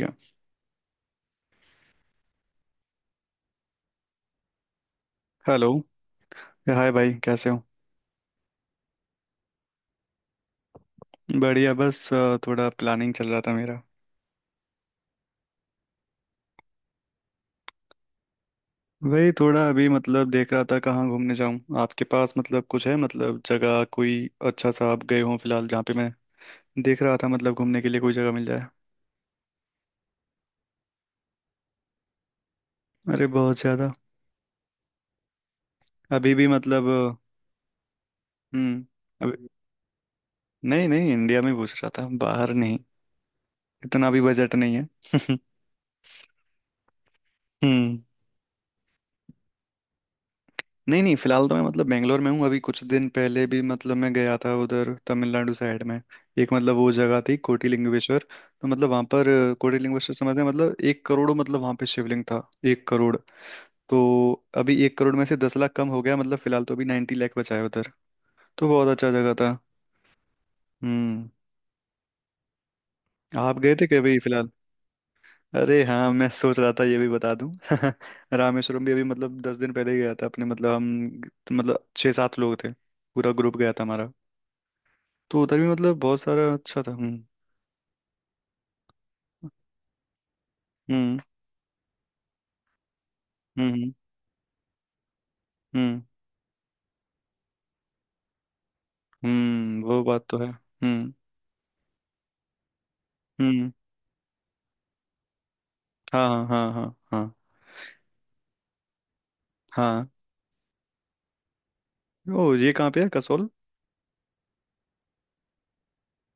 गया। Hello. Hi भाई, कैसे हो? बढ़िया, बस थोड़ा प्लानिंग चल रहा था मेरा। वही थोड़ा अभी मतलब देख रहा था कहाँ घूमने जाऊँ। आपके पास मतलब कुछ है, मतलब जगह कोई अच्छा सा आप गए हो फिलहाल जहाँ पे? मैं देख रहा था मतलब घूमने के लिए कोई जगह मिल जाए। अरे बहुत ज़्यादा। अभी भी मतलब हम्म। अभी नहीं नहीं, इंडिया में पूछ रहा था, बाहर नहीं। इतना भी बजट नहीं है। हम्म। नहीं नहीं, फिलहाल तो मैं मतलब बेंगलोर में हूँ। अभी कुछ दिन पहले भी मतलब मैं गया था उधर तमिलनाडु साइड में। एक मतलब वो जगह थी कोटिलिंगेश्वर। तो मतलब वहाँ पर कोटिलिंगेश्वर समझते हैं मतलब 1 करोड़, मतलब वहाँ पे शिवलिंग था 1 करोड़। तो अभी 1 करोड़ में से 10 लाख कम हो गया, मतलब फिलहाल तो अभी 90 लाख बचा है उधर। तो बहुत अच्छा जगह था। हम्म। आप गए थे क्या अभी फिलहाल? अरे हाँ, मैं सोच रहा था ये भी बता दूं। रामेश्वरम भी अभी मतलब 10 दिन पहले ही गया था अपने मतलब हम मतलब 6-7 लोग थे, पूरा ग्रुप गया था हमारा। तो उधर भी मतलब बहुत सारा अच्छा था। हम्म। हम्म। हम्म। हम्म। हम्म। वो बात तो है। हम्म। हम्म। हाँ हाँ हाँ हाँ हाँ। हाँ ओ, ये कहाँ पे है कसोल?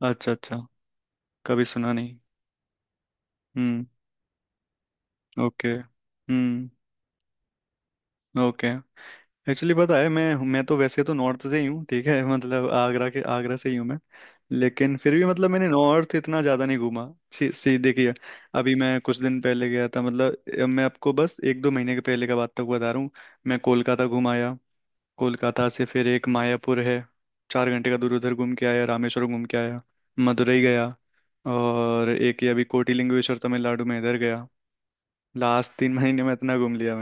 अच्छा अच्छा। कभी सुना नहीं। Hmm. Okay hmm. Okay. Actually पता है, मैं तो वैसे तो नॉर्थ से ही हूँ ठीक है। मतलब आगरा के आगरा से ही हूँ मैं। लेकिन फिर भी मतलब मैंने नॉर्थ इतना ज़्यादा नहीं घूमा। सी, सी देखिए। अभी मैं कुछ दिन पहले गया था मतलब मैं आपको बस 1-2 महीने के पहले का बात तक बता रहा हूँ। मैं कोलकाता घूम आया। कोलकाता से फिर एक मायापुर है 4 घंटे का दूर, उधर घूम के आया, रामेश्वर घूम के आया, मदुरई गया, और एक ये अभी कोटिलिंगेश्वर तमिलनाडु में इधर गया। लास्ट 3 महीने में इतना घूम लिया।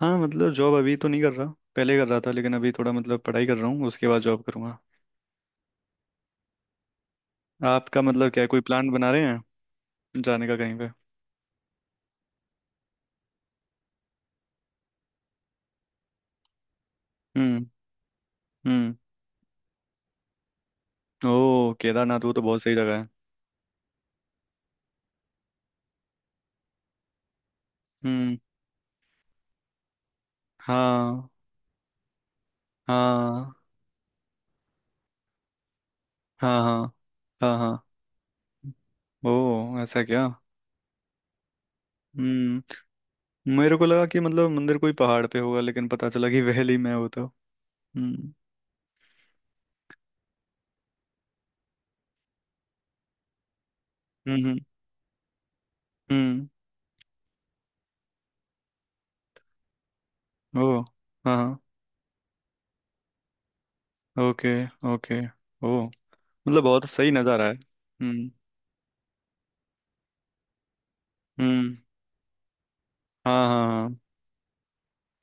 हाँ मतलब जॉब अभी तो नहीं कर रहा। पहले कर रहा था, लेकिन अभी थोड़ा मतलब पढ़ाई कर रहा हूँ, उसके बाद जॉब करूंगा। आपका मतलब क्या है, कोई प्लान बना रहे हैं जाने का कहीं पे? हम्म। हम्म। ओ केदारनाथ, वो तो बहुत सही जगह है। हम्म। हाँ हाँ हाँ हाँ हाँ। हाँ ओ, ऐसा क्या? हम्म। मेरे को लगा कि मतलब मंदिर कोई पहाड़ पे होगा, लेकिन पता चला कि वैली में है वो तो। हम्म हम्म। हम्म, ओ हाँ हाँ। ओके। ओके। ओ मतलब बहुत सही नज़ारा है। हम्म। हम्म। हाँ हाँ।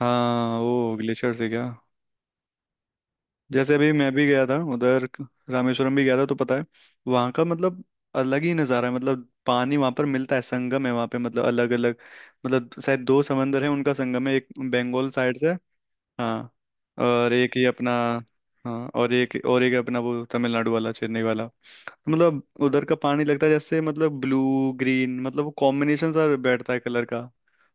हाँ वो ग्लेशियर से क्या। जैसे अभी मैं भी गया था उधर रामेश्वरम भी गया था तो पता है, वहाँ का मतलब अलग ही नज़ारा है। मतलब पानी वहाँ पर मिलता है, संगम है वहाँ पे, मतलब अलग अलग, मतलब शायद 2 समंदर है उनका संगम है, एक बंगाल साइड से। हाँ और एक ही अपना। हाँ और एक अपना वो तमिलनाडु वाला चेन्नई वाला, तो मतलब उधर का पानी लगता है जैसे मतलब ब्लू ग्रीन, मतलब वो कॉम्बिनेशन सा बैठता है कलर का।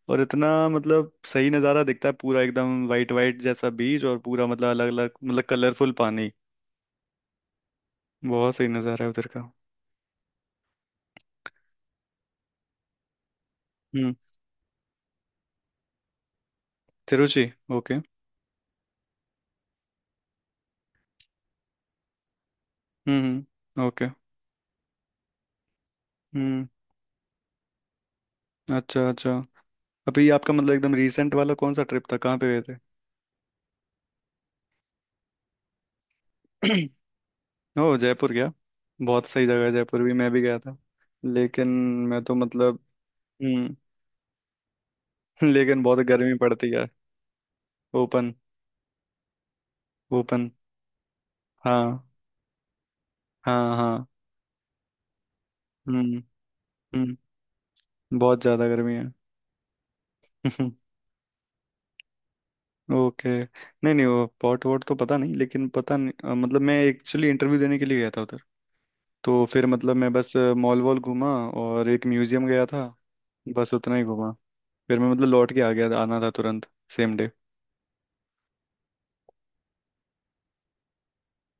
और इतना मतलब सही नज़ारा दिखता है, पूरा एकदम वाइट वाइट जैसा बीच और पूरा मतलब अलग अलग मतलब कलरफुल पानी। बहुत सही नज़ारा है उधर का। Hmm. Trichy. Okay hmm. Hmm. Okay. Hmm. अच्छा अच्छा। अभी आपका मतलब एकदम रीसेंट वाला कौन सा ट्रिप था, कहाँ पे गए थे? ओह, जयपुर गया। बहुत सही जगह है जयपुर, भी मैं भी गया था। लेकिन मैं तो मतलब हम्म। लेकिन बहुत गर्मी पड़ती है। ओपन। ओपन। हाँ हाँ हाँ। हम्म। हम्म। बहुत ज़्यादा गर्मी है। ओके। नहीं नहीं वो पॉट वॉट तो पता नहीं, लेकिन पता नहीं मतलब मैं एक्चुअली इंटरव्यू देने के लिए गया था उधर। तो फिर मतलब मैं बस मॉल वॉल घूमा और एक म्यूजियम गया था। बस उतना ही घूमा। फिर मैं मतलब लौट के आ गया था, आना था तुरंत। Same day.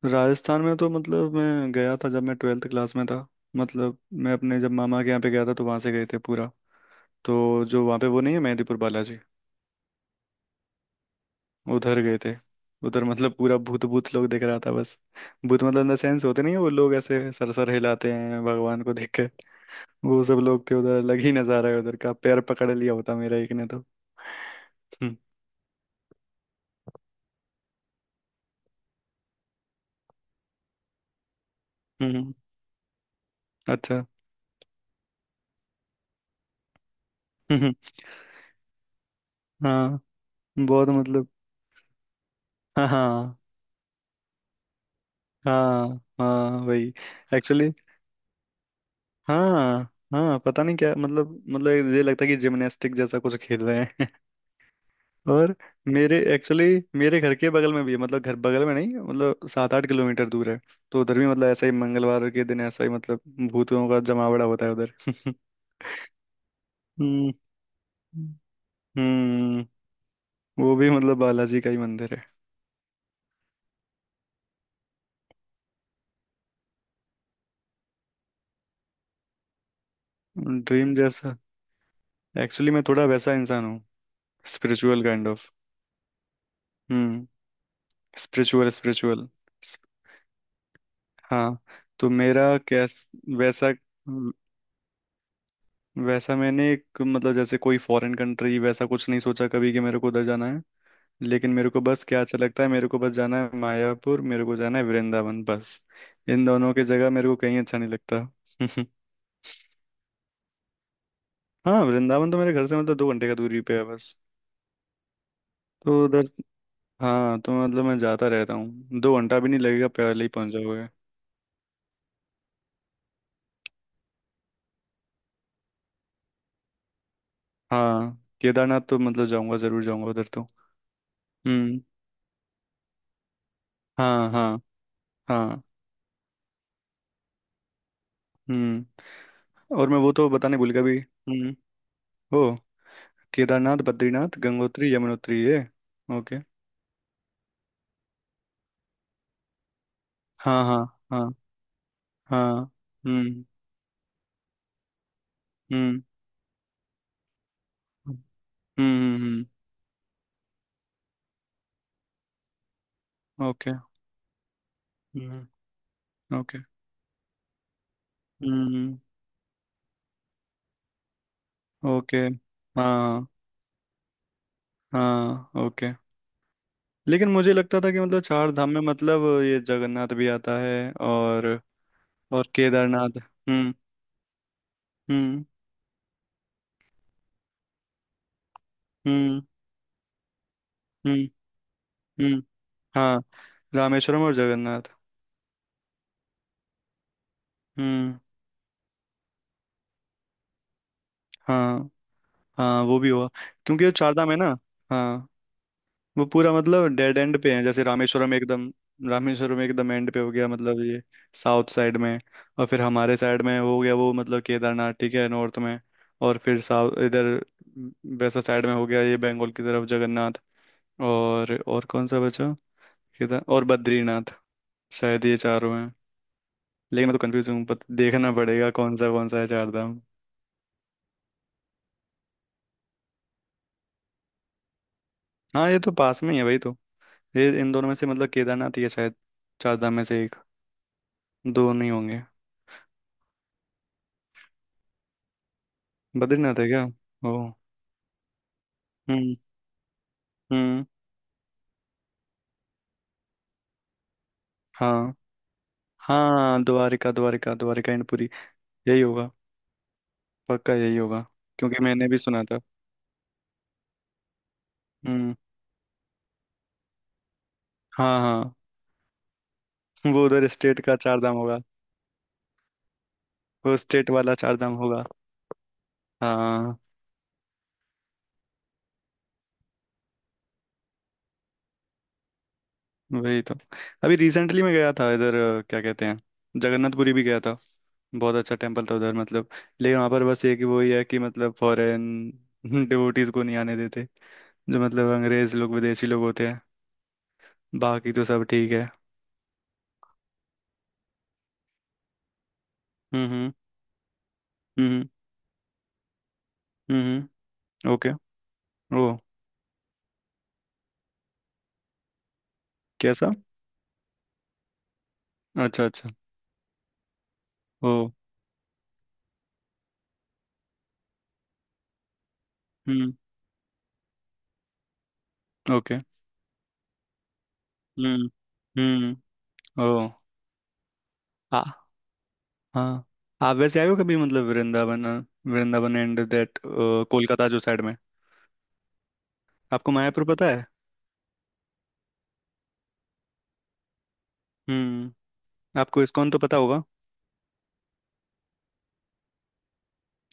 राजस्थान में तो मतलब मैं गया था जब मैं ट्वेल्थ क्लास में था। मतलब मैं अपने जब मामा के यहाँ पे गया था तो वहाँ से गए थे पूरा। तो जो वहाँ पे वो नहीं है मेहंदीपुर बालाजी, उधर गए थे। उधर मतलब पूरा भूत भूत लोग देख रहा था बस। भूत मतलब इन द सेंस होते नहीं है, वो लोग ऐसे सरसर हिलाते हैं भगवान को देख कर। वो सब लोग थे उधर, अलग ही नजारा है उधर का, पैर पकड़ लिया होता मेरा एक ने तो। हम्म। हम्म, अच्छा। हम्म, हम्म, हाँ बहुत मतलब। हाँ हाँ। हाँ हाँ। वही। एक्चुअली हाँ। हाँ पता नहीं क्या मतलब, मतलब ये लगता है कि जिमनास्टिक जैसा कुछ खेल रहे हैं। और मेरे एक्चुअली मेरे घर के बगल में भी है, मतलब घर बगल में नहीं मतलब 7-8 किलोमीटर दूर है। तो उधर भी मतलब ऐसा ही मंगलवार के दिन ऐसा ही मतलब भूतों का जमावड़ा होता है उधर। हम्म। हम्म। वो भी मतलब बालाजी का ही मंदिर है। ड्रीम जैसा। एक्चुअली मैं थोड़ा वैसा इंसान हूँ। Spiritual kind of. Hmm. Spiritual spiritual. हाँ। तो मेरा कैस वैसा। वैसा मैंने एक मतलब जैसे कोई फॉरेन कंट्री वैसा कुछ नहीं सोचा कभी कि मेरे को उधर जाना है। लेकिन मेरे को बस क्या अच्छा लगता है, मेरे को बस जाना है मायापुर, मेरे को जाना है वृंदावन बस। इन दोनों की जगह मेरे को कहीं अच्छा नहीं लगता। हाँ वृंदावन तो मेरे घर से मतलब 2 घंटे का दूरी पे है बस। तो उधर हाँ, तो मतलब मैं जाता रहता हूँ, 2 घंटा भी नहीं लगेगा, पहले ही पहुंच जाओगे। हाँ केदारनाथ तो मतलब जाऊंगा, जरूर जाऊंगा उधर तो। हम्म। हाँ हाँ। हाँ। हम्म। और मैं वो तो बताने भूल गया भी। ओ केदारनाथ बद्रीनाथ गंगोत्री यमुनोत्री, ये ओके। हाँ हाँ हाँ हाँ। Hmm. Hmm. Hmm. Okay. Hmm. Okay. Hmm. Okay. हाँ। हाँ ओके। लेकिन मुझे लगता था कि मतलब चार धाम में मतलब ये जगन्नाथ भी आता है और केदारनाथ। हम्म। हम्म। हम्म। हम्म। हम्म। हाँ रामेश्वरम और जगन्नाथ। हम्म। हाँ। हाँ वो भी हुआ, क्योंकि ये चार धाम है ना। हाँ। वो पूरा मतलब डेड एंड पे है, जैसे रामेश्वरम एकदम, रामेश्वरम एकदम एंड पे हो गया मतलब, ये साउथ साइड में। और फिर हमारे साइड में हो गया वो मतलब केदारनाथ ठीक है नॉर्थ में। और फिर साउथ इधर वैसा साइड में हो गया ये बंगाल की तरफ जगन्नाथ। और कौन सा बचा? केदार और बद्रीनाथ, शायद ये चारों हैं। लेकिन मैं तो कंफ्यूज हूँ देखना पड़ेगा कौन सा है चार धाम। हाँ ये तो पास में ही है भाई तो, ये इन दोनों में से मतलब केदारनाथ ही है शायद, चार धाम में से एक। दो नहीं होंगे। बद्रीनाथ है क्या? ओ। हम्म। हम्म। हाँ हाँ द्वारिका द्वारिका, द्वारिका एंड पुरी, यही होगा। पक्का यही होगा, क्योंकि मैंने भी सुना था। हम्म। हाँ हाँ। वो उधर स्टेट का चार धाम होगा। वो स्टेट वाला चार धाम होगा। हाँ। वही तो। अभी रिसेंटली मैं गया था इधर क्या कहते हैं, जगन्नाथपुरी भी गया था। बहुत अच्छा टेम्पल था उधर मतलब। लेकिन वहाँ पर बस ये कि वही है कि मतलब फॉरेन डिवोटीज को नहीं आने देते, जो मतलब अंग्रेज लोग, विदेशी लोग होते हैं। बाकी तो सब ठीक है। हम्म। हम्म। हम्म। हम्म। ओके। ओ। कैसा? अच्छा अच्छा। ओ। हम्म। ओके। हम्म। हम्म। ओ आ हाँ। आप वैसे आए हो कभी मतलब वृंदावन, वृंदावन एंड दैट कोलकाता जो साइड में? आपको मायापुर पता है? हम्म। आपको इस्कॉन तो पता होगा।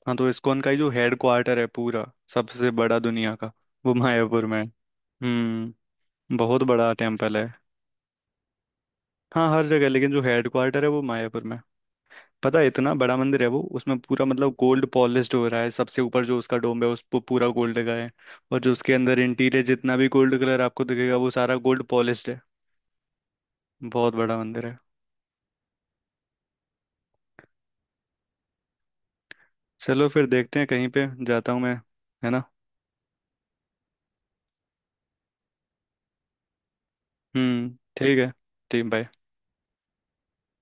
हाँ तो इस्कॉन का ही जो हेड क्वार्टर है पूरा, सबसे बड़ा दुनिया का, वो मायापुर में है। हम्म बहुत बड़ा टेम्पल है। हाँ हर जगह, लेकिन जो हेड क्वार्टर है वो मायापुर में है। पता है, इतना बड़ा मंदिर है वो, उसमें पूरा मतलब गोल्ड पॉलिश्ड हो रहा है, सबसे ऊपर जो उसका डोम है उस पर पूरा गोल्ड लगा है। और जो उसके अंदर इंटीरियर जितना भी गोल्ड कलर आपको दिखेगा वो सारा गोल्ड पॉलिश्ड है। बहुत बड़ा मंदिर है। चलो फिर देखते हैं, कहीं पे जाता हूँ मैं, है ना? हम्म। ठीक है। ठीक, बाय।